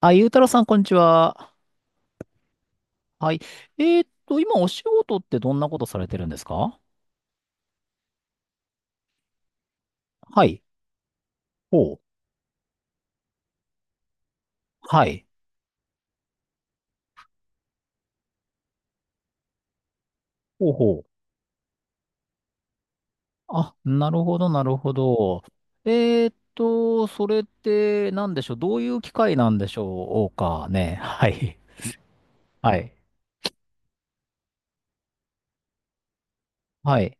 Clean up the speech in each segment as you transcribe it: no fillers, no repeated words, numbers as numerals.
あ、ゆうたろうさん、こんにちは。はい。今、お仕事ってどんなことされてるんですか？はい。ほう。はい。ほうほう。あ、なるほど、なるほど。それって、なんでしょう。どういう機会なんでしょうかね。はい。はい。はい。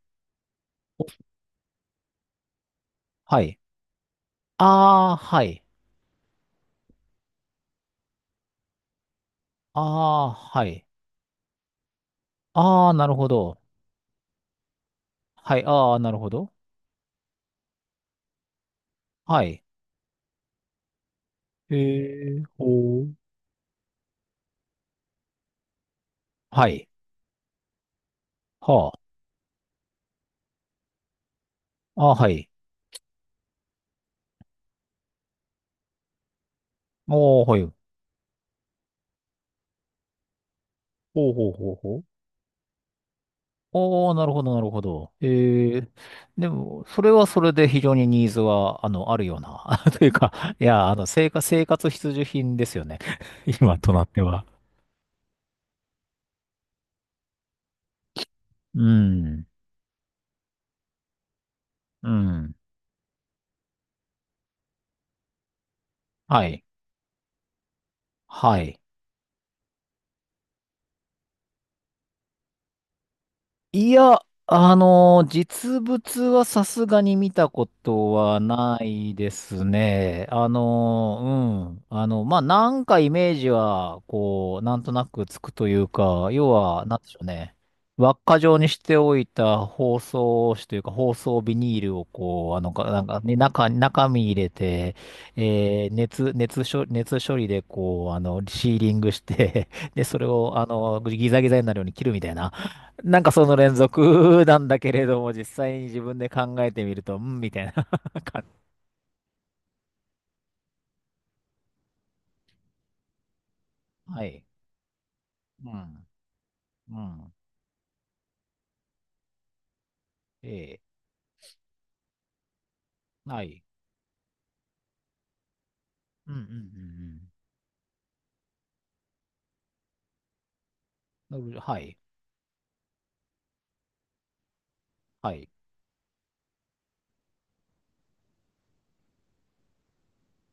はい。ああ、はい。ああ、はい。ああ、なるほど。はい。ああ、なるほど。はい。ほう。はい。はあ。ああ、はい。おー、はい。ほうほうほうほう。おー、なるほど、なるほど。でも、それはそれで非常にニーズは、あるような。というか、いや、生活必需品ですよね。今となっては。うん。うん。はい。はい。いや、実物はさすがに見たことはないですね。うん。まあ、なんかイメージは、こう、なんとなくつくというか、要は、なんでしょうね。輪っか状にしておいた包装紙というか、包装ビニールをこう、かなんか、ね、中身入れて、熱処理でこう、シーリングして、で、それを、ギザギザになるように切るみたいな。なんかその連続なんだけれども、実際に自分で考えてみると、うん、みたいな 感じ。はい。うん。うん。ええ。はい。うんうんうんうん。なるほど。はい。はい。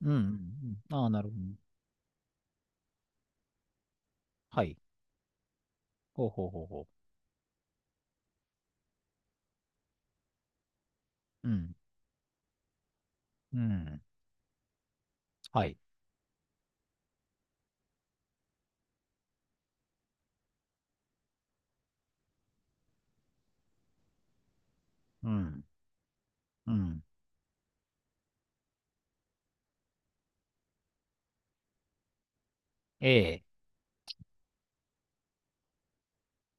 うんうんうん。ああ、なるほどね。はい。ほうほうほうほう。うん。うん。はい。うん。うん。ええ。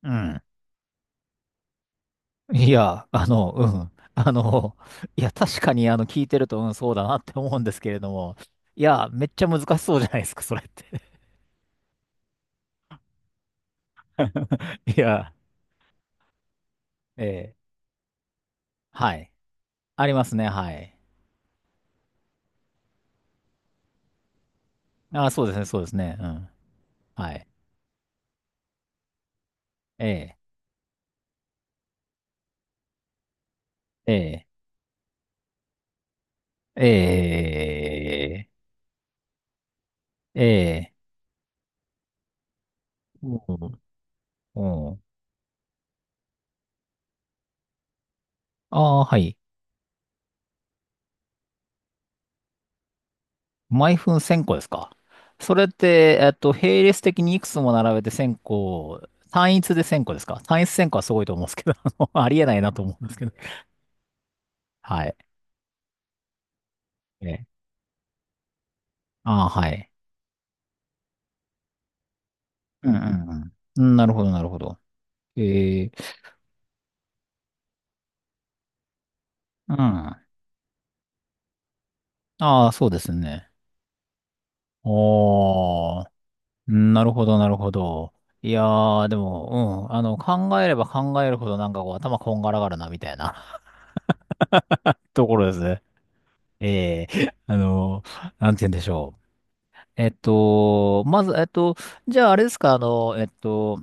うん。いや、うん。いや、確かに、聞いてると、うん、そうだなって思うんですけれども、いや、めっちゃ難しそうじゃないですか、それって。いや、ええ。はい。ありますね。はい。あ、そうですね。そうですね。うん。はい。ええ、ええ、ええ、ええ、うん。うん。ああー、はい。毎分1000個ですか？それって、並列的にいくつも並べて1000個、単一で1000個ですか？単一10個はすごいと思うんですけど、ありえないなと思うんですけど。はい。ええ。ああ、はい。うんうんうん。うん。なるほど、なるほど。ええ、うん。ああ、そうですね。おー。うん。なるほど、なるほど。いやー、でも、うん、考えれば考えるほどなんかこう、頭こんがらがるな、みたいな ところですね。ええ。なんて言うんでしょう。まず、じゃああれですか。あの、えっと、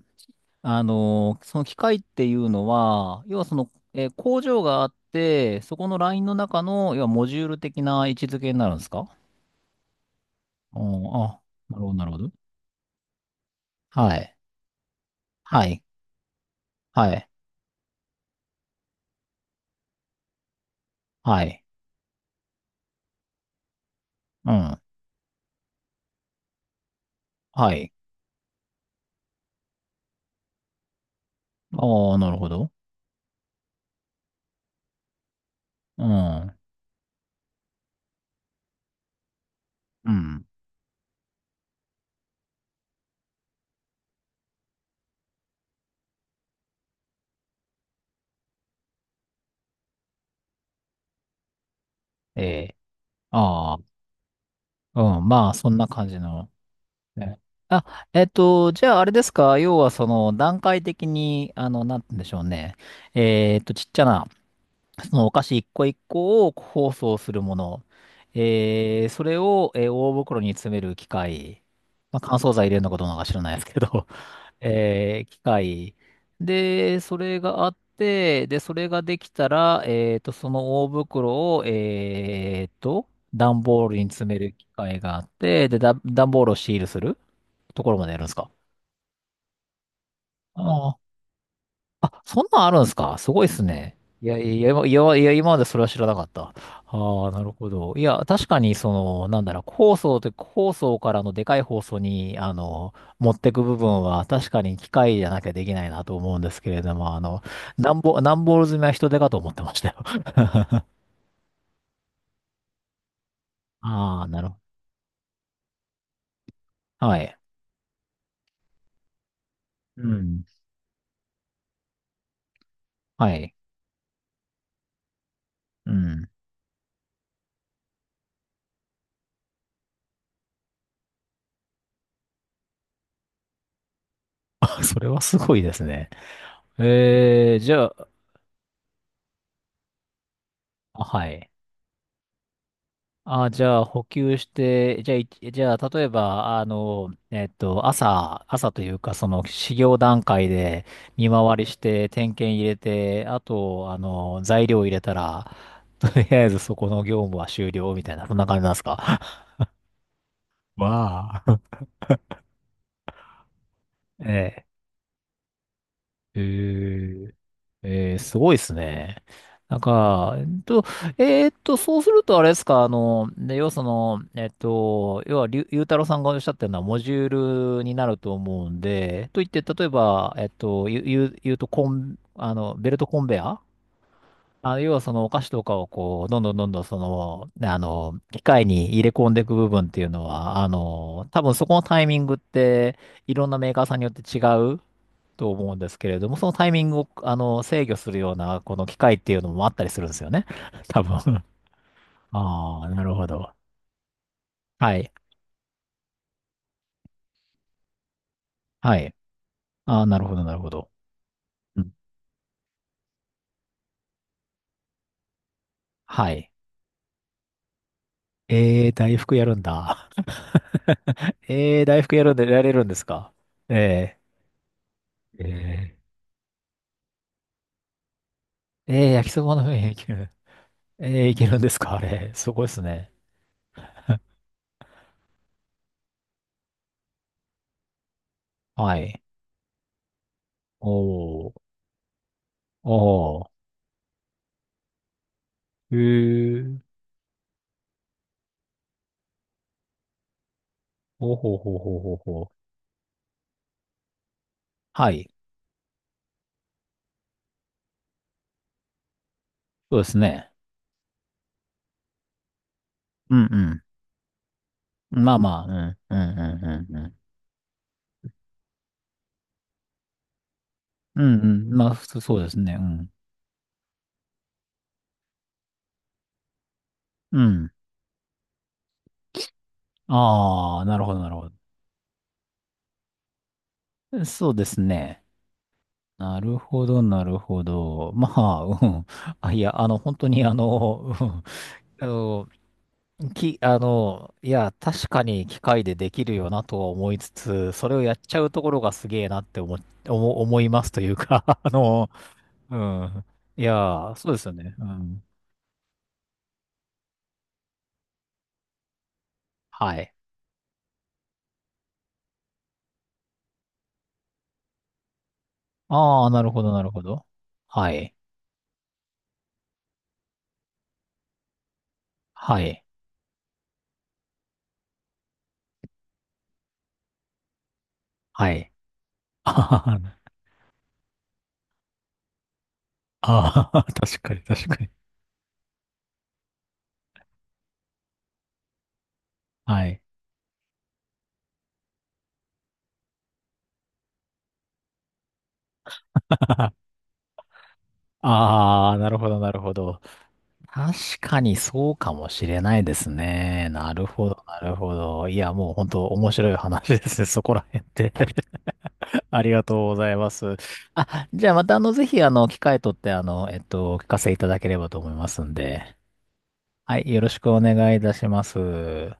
あの、その機械っていうのは、要はその、工場があって、そこのラインの中の、要はモジュール的な位置づけになるんですか？うん、あ、なるほど、なるほど。はい。はい。はい。はい。うん。はい。ああ、なるほど。うん。うん。ええ。ああ。うん。まあ、そんな感じの。ね。あ、じゃあ、あれですか。要は、その、段階的に、なんて言うんでしょうね。ちっちゃなそのお菓子一個一個を包装するもの、それを、大袋に詰める機械、まあ、乾燥剤入れるのかどうなのか知らないですけど、機械。で、それがあって、で、それができたら、その大袋を、段ボールに詰める機械があって、で、段ボールをシールするところまでやるんですか？ああ、そんなんあるんですか、すごいっすね。いや、いや、いや、いや、今までそれは知らなかった。ああ、なるほど。いや、確かに、その、なんだろう、放送って、放送からのでかい放送に、持ってく部分は、確かに機械じゃなきゃできないなと思うんですけれども、段ボール詰めは人手かと思ってましたよ。ああ、なるほど。はい。うん。はい。うん。あ、それはすごいですね。じゃあ、あ、はい。あ、じゃあ補給して、じゃあ、じゃあ、例えば、朝というか、その、始業段階で見回りして、点検入れて、あと、材料入れたら、とりあえずそこの業務は終了みたいな、そんな感じなんですか？ わあ。ええ。えー、すごいですね。なんか、えそうするとあれですか。で、要はその、要は、りゅゆうたろうさんがおっしゃったようなモジュールになると思うんで、といって、例えば、言うと、コン、あの、ベルトコンベア。あ、要はそのお菓子とかをこう、どんどんどんどんその、ね、機械に入れ込んでいく部分っていうのは、多分そこのタイミングって、いろんなメーカーさんによって違うと思うんですけれども、そのタイミングを、制御するような、この機械っていうのもあったりするんですよね。多分。ああ、なるほど。はい。はい。ああ、なるほど、なるほど。うん。はい。大福やるんだ。大福やるんで、やれるんですか？えー、え焼きそばの上にいける。いけるんですか、あれ。すごいですね。はい。おー、おー、へー、おほほほほほ。はい。そうですね。うんうん。まあまあ、うん、うん、うん、うん、うん。うん、うん。まあ、普通そうですね。うん。うん。ああ、なるほど、なるほど。そうですね。なるほど、なるほど。まあ、うん。あ、いや、本当に、うん、あの、き、あの、いや、確かに機械でできるよなとは思いつつ、それをやっちゃうところがすげえなって思いますというか、うん。いや、そうですよね。うん。はい。ああ、なるほど、なるほど。はい。はい。はい。あーあー、確かに、確かに。はい。ああ、なるほど、なるほど。確かにそうかもしれないですね。なるほど、なるほど。いや、もう本当面白い話ですね。そこら辺で。 ありがとうございます。あ、じゃあまたぜひ機会とってお聞かせいただければと思いますんで。はい、よろしくお願いいたします。